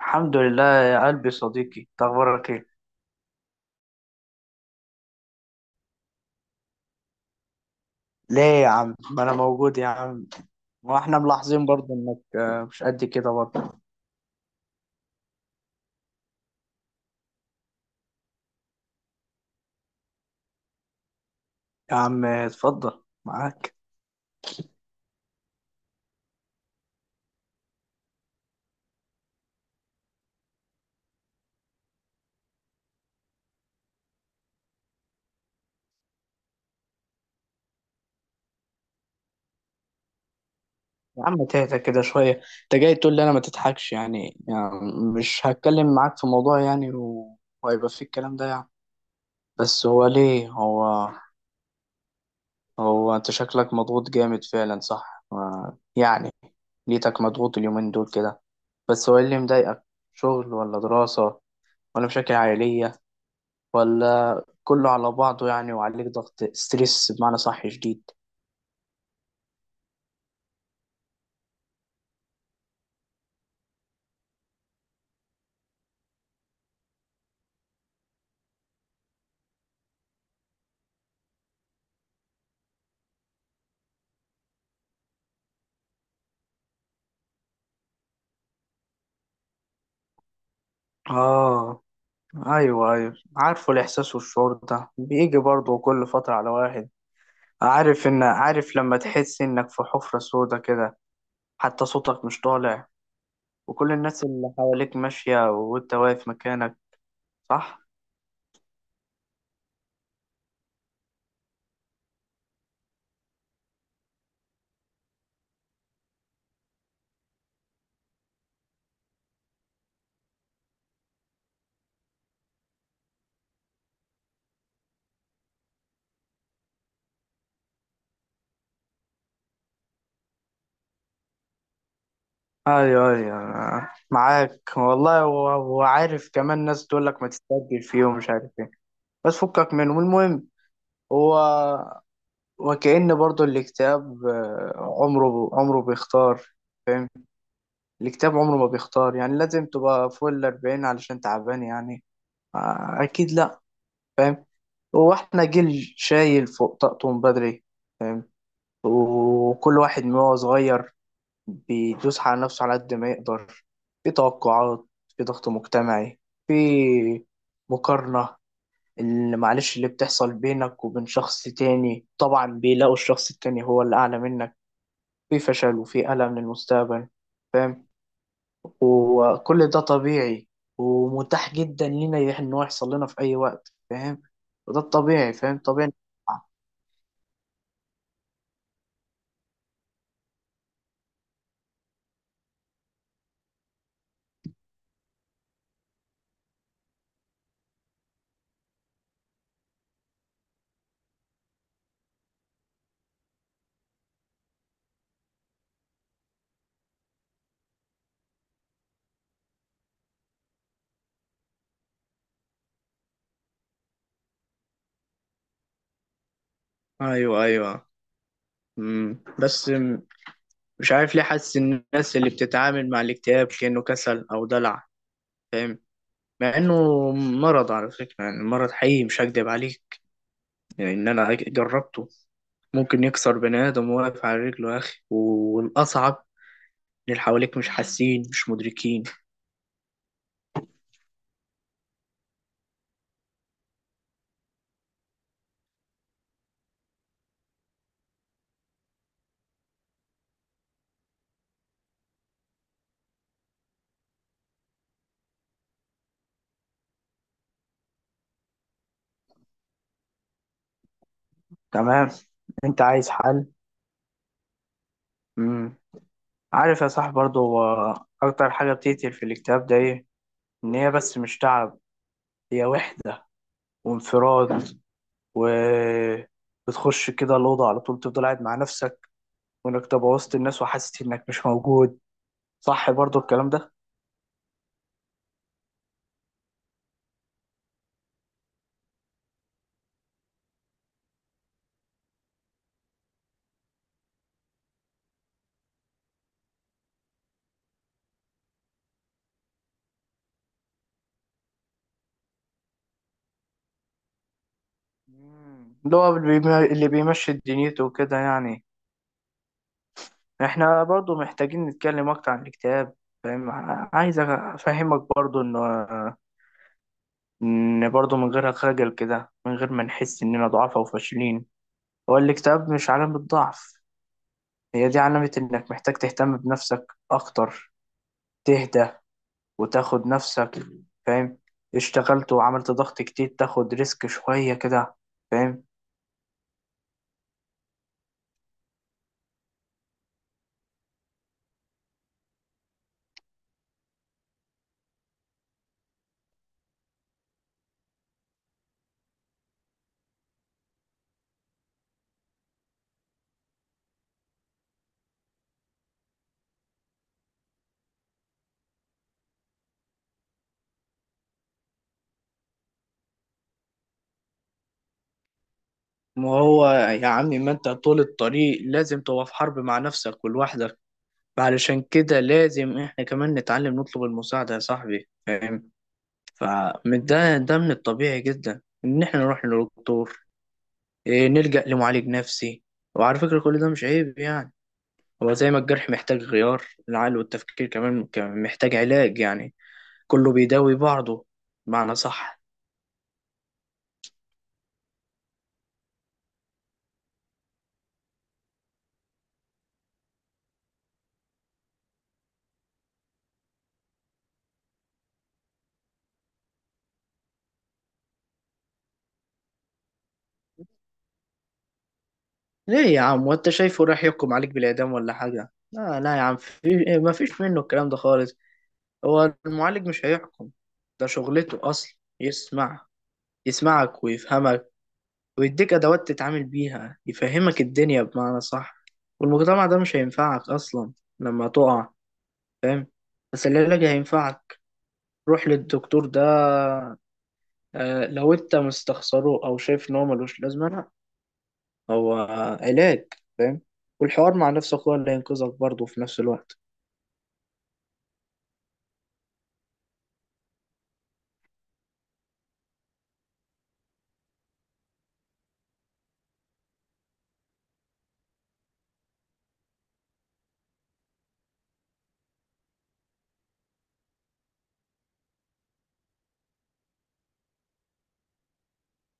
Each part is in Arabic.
الحمد لله يا قلبي، صديقي إنت اخبارك ايه؟ ليه يا عم؟ ما انا موجود يا عم. واحنا ملاحظين برضه انك مش قد كده برضه. يا عم اتفضل معاك. يا عم تهدى كده شويه. انت جاي تقول لي انا ما تضحكش يعني. مش هتكلم معاك في موضوع يعني وهيبقى فيه الكلام ده يعني. بس هو ليه هو؟ هو انت شكلك مضغوط جامد فعلا صح، يعني. ليتك مضغوط اليومين دول كده. بس هو إيه اللي مضايقك؟ شغل ولا دراسة؟ ولا مشاكل عائلية؟ ولا كله على بعضه يعني وعليك ضغط ستريس بمعنى صح شديد؟ آه. أيوه أيوه، عارفه الإحساس والشعور ده بيجي برضه كل فترة على واحد. عارف لما تحس إنك في حفرة سودا كده، حتى صوتك مش طالع، وكل الناس اللي حواليك ماشية وأنت واقف مكانك. صح؟ أيوه أيوه معاك والله، وعارف كمان ناس تقول لك ما تستعجل فيه ومش عارف إيه. بس فكك منه المهم. هو وكأن برضو الكتاب، عمره بيختار. فاهم؟ الكتاب عمره ما بيختار، يعني لازم تبقى فوق الأربعين علشان تعبان يعني؟ آه، أكيد لأ. فاهم؟ هو احنا جيل شايل فوق طاقته من بدري. فاهم؟ وكل واحد من هو صغير بيدوس على نفسه على قد ما يقدر. في توقعات، في ضغط مجتمعي، في مقارنة اللي معلش اللي بتحصل بينك وبين شخص تاني طبعا بيلاقوا الشخص التاني هو اللي أعلى منك، في فشل وفي ألم للمستقبل. فاهم؟ وكل ده طبيعي ومتاح جدا لينا إن هو يحصل لنا في أي وقت. فاهم؟ وده الطبيعي، فاهم، طبيعي. ايوه ايوه. بس مش عارف ليه حاسس إن الناس اللي بتتعامل مع الاكتئاب كأنه كسل او دلع. فاهم؟ مع انه مرض على فكرة، يعني مرض حقيقي مش هكدب عليك، يعني ان انا جربته. ممكن يكسر بني آدم واقف على رجله يا أخي. والأصعب إن اللي حواليك مش حاسين، مش مدركين. تمام. انت عايز حل. مم. عارف يا صاحبي برضو، هو اكتر حاجة بتقتل في الاكتئاب ده ايه؟ ان هي بس مش تعب، هي وحدة، وانفراد، و بتخش كده الأوضة على طول تفضل قاعد مع نفسك، وإنك تبقى وسط الناس وحاسس إنك مش موجود. صح برضو الكلام ده؟ مم. اللي هو اللي بيمشي دنيته وكده يعني. احنا برضو محتاجين نتكلم أكتر عن الاكتئاب. فاهم؟ عايز أفهمك برضو إنه، إن برضه من غير خجل كده، من غير ما نحس إننا ضعاف أو فاشلين. هو الاكتئاب مش علامة ضعف، هي دي علامة إنك محتاج تهتم بنفسك أكتر، تهدى وتاخد نفسك. فاهم؟ اشتغلت وعملت ضغط كتير، تاخد ريسك شوية كده. فاهم؟ ما هو يا عمي، ما انت طول الطريق لازم تبقى في حرب مع نفسك ولوحدك. علشان كده لازم احنا كمان نتعلم نطلب المساعدة يا صاحبي. فاهم؟ فده من الطبيعي جدا ان احنا نروح للدكتور، إيه، نلجأ لمعالج نفسي. وعلى فكرة كل ده مش عيب يعني. هو زي ما الجرح محتاج غيار، العقل والتفكير كمان كمان محتاج علاج يعني. كله بيداوي بعضه، معنى صح. ليه يا عم؟ وانت شايفه راح يحكم عليك بالإعدام ولا حاجة؟ لا لا يا عم، في إيه، ما فيش منه الكلام ده خالص. هو المعالج مش هيحكم، ده شغلته أصلا يسمع، يسمعك ويفهمك، ويديك أدوات تتعامل بيها، يفهمك الدنيا بمعنى صح. والمجتمع ده مش هينفعك أصلا لما تقع. فاهم؟ بس العلاج هينفعك. روح للدكتور ده. لو انت مستخسره او شايف ان هو ملوش لازمه، لا، هو علاج. فاهم؟ والحوار مع نفسك هو اللي هينقذك برضه في نفس الوقت.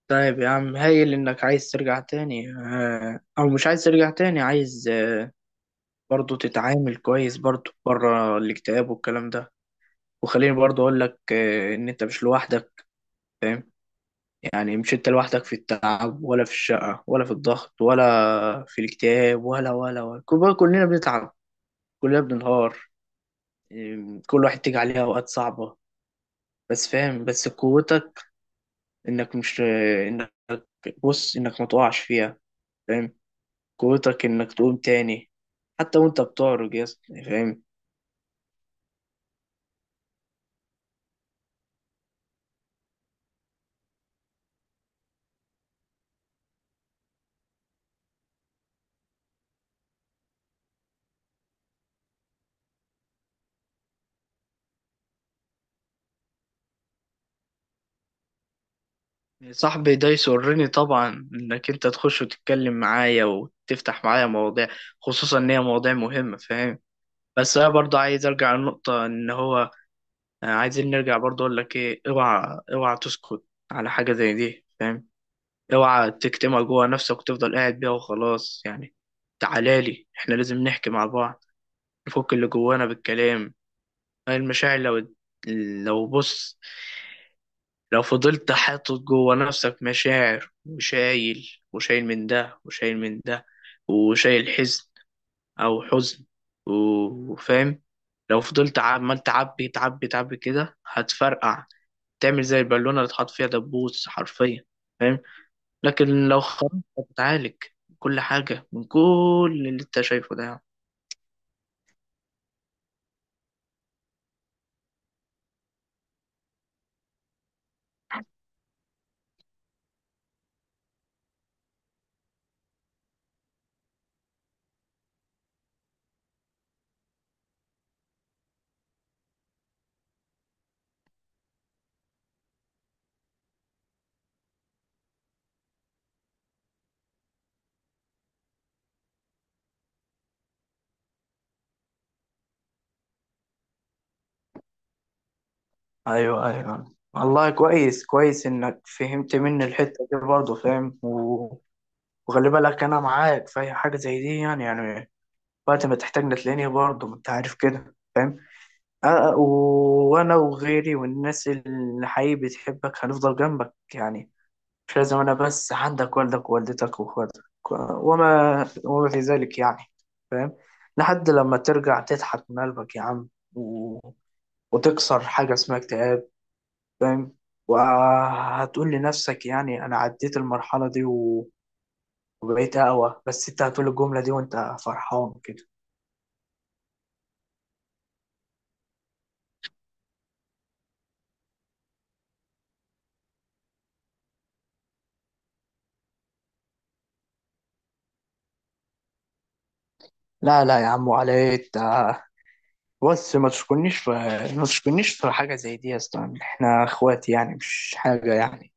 طيب يا عم، هايل انك عايز ترجع تاني، او مش عايز ترجع تاني، عايز برضه تتعامل كويس برضه بره الاكتئاب والكلام ده. وخليني برضه اقول لك ان انت مش لوحدك. فاهم؟ يعني مش انت لوحدك في التعب ولا في الشقة ولا في الضغط ولا في الاكتئاب كلنا بنتعب، كلنا بننهار، إيه، كل واحد تيجي عليه اوقات صعبة. بس فاهم، بس قوتك انك مش انك بص، انك ما تقعش فيها. فاهم؟ قوتك انك تقوم تاني، حتى وانت بتعرج يا اسطى، فاهم؟ صاحبي، ده يسرني طبعا انك انت تخش وتتكلم معايا وتفتح معايا مواضيع، خصوصا ان هي مواضيع مهمة. فاهم؟ بس انا برضه عايز ارجع للنقطة ان هو، عايزين نرجع، برضه اقول لك ايه، اوعى اوعى تسكت على حاجة زي دي. فاهم؟ اوعى تكتمها جوه نفسك وتفضل قاعد بيها وخلاص يعني. تعالى لي، احنا لازم نحكي مع بعض، نفك اللي جوانا بالكلام. المشاعر لو لو بص، لو فضلت حاطط جوه نفسك مشاعر، وشايل وشايل من ده وشايل من ده، وشايل حزن او حزن وفاهم، لو فضلت عمال تعبي تعبي تعبي كده هتفرقع، تعمل زي البالونة اللي اتحط فيها دبوس حرفيا. فاهم؟ لكن لو خرجت هتتعالج كل حاجة من كل اللي انت شايفه ده يعني. ايوه ايوه والله، كويس كويس انك فهمت مني الحته دي برضه. فاهم؟ وخلي بالك انا معاك في اي حاجه زي دي يعني. وقت ما تحتاجني تلاقيني برضه، ما انت عارف كده. فاهم؟ أه، وانا وغيري والناس اللي حقيقي بتحبك هنفضل جنبك يعني. مش لازم أنا بس، عندك والدك ووالدتك وإخواتك، وما في ذلك يعني. فاهم؟ لحد لما ترجع تضحك من قلبك يا عم، و... وتكسر حاجة اسمها اكتئاب. فاهم؟ وهتقول لنفسك يعني أنا عديت المرحلة دي وبقيت أقوى، بس أنت هتقول الجملة دي وأنت فرحان كده. لا لا يا عم، وعلى إيه أنت؟ بص، ما تشكرنيش في حاجة زي دي يا اسطى، احنا اخوات يعني، مش حاجة يعني.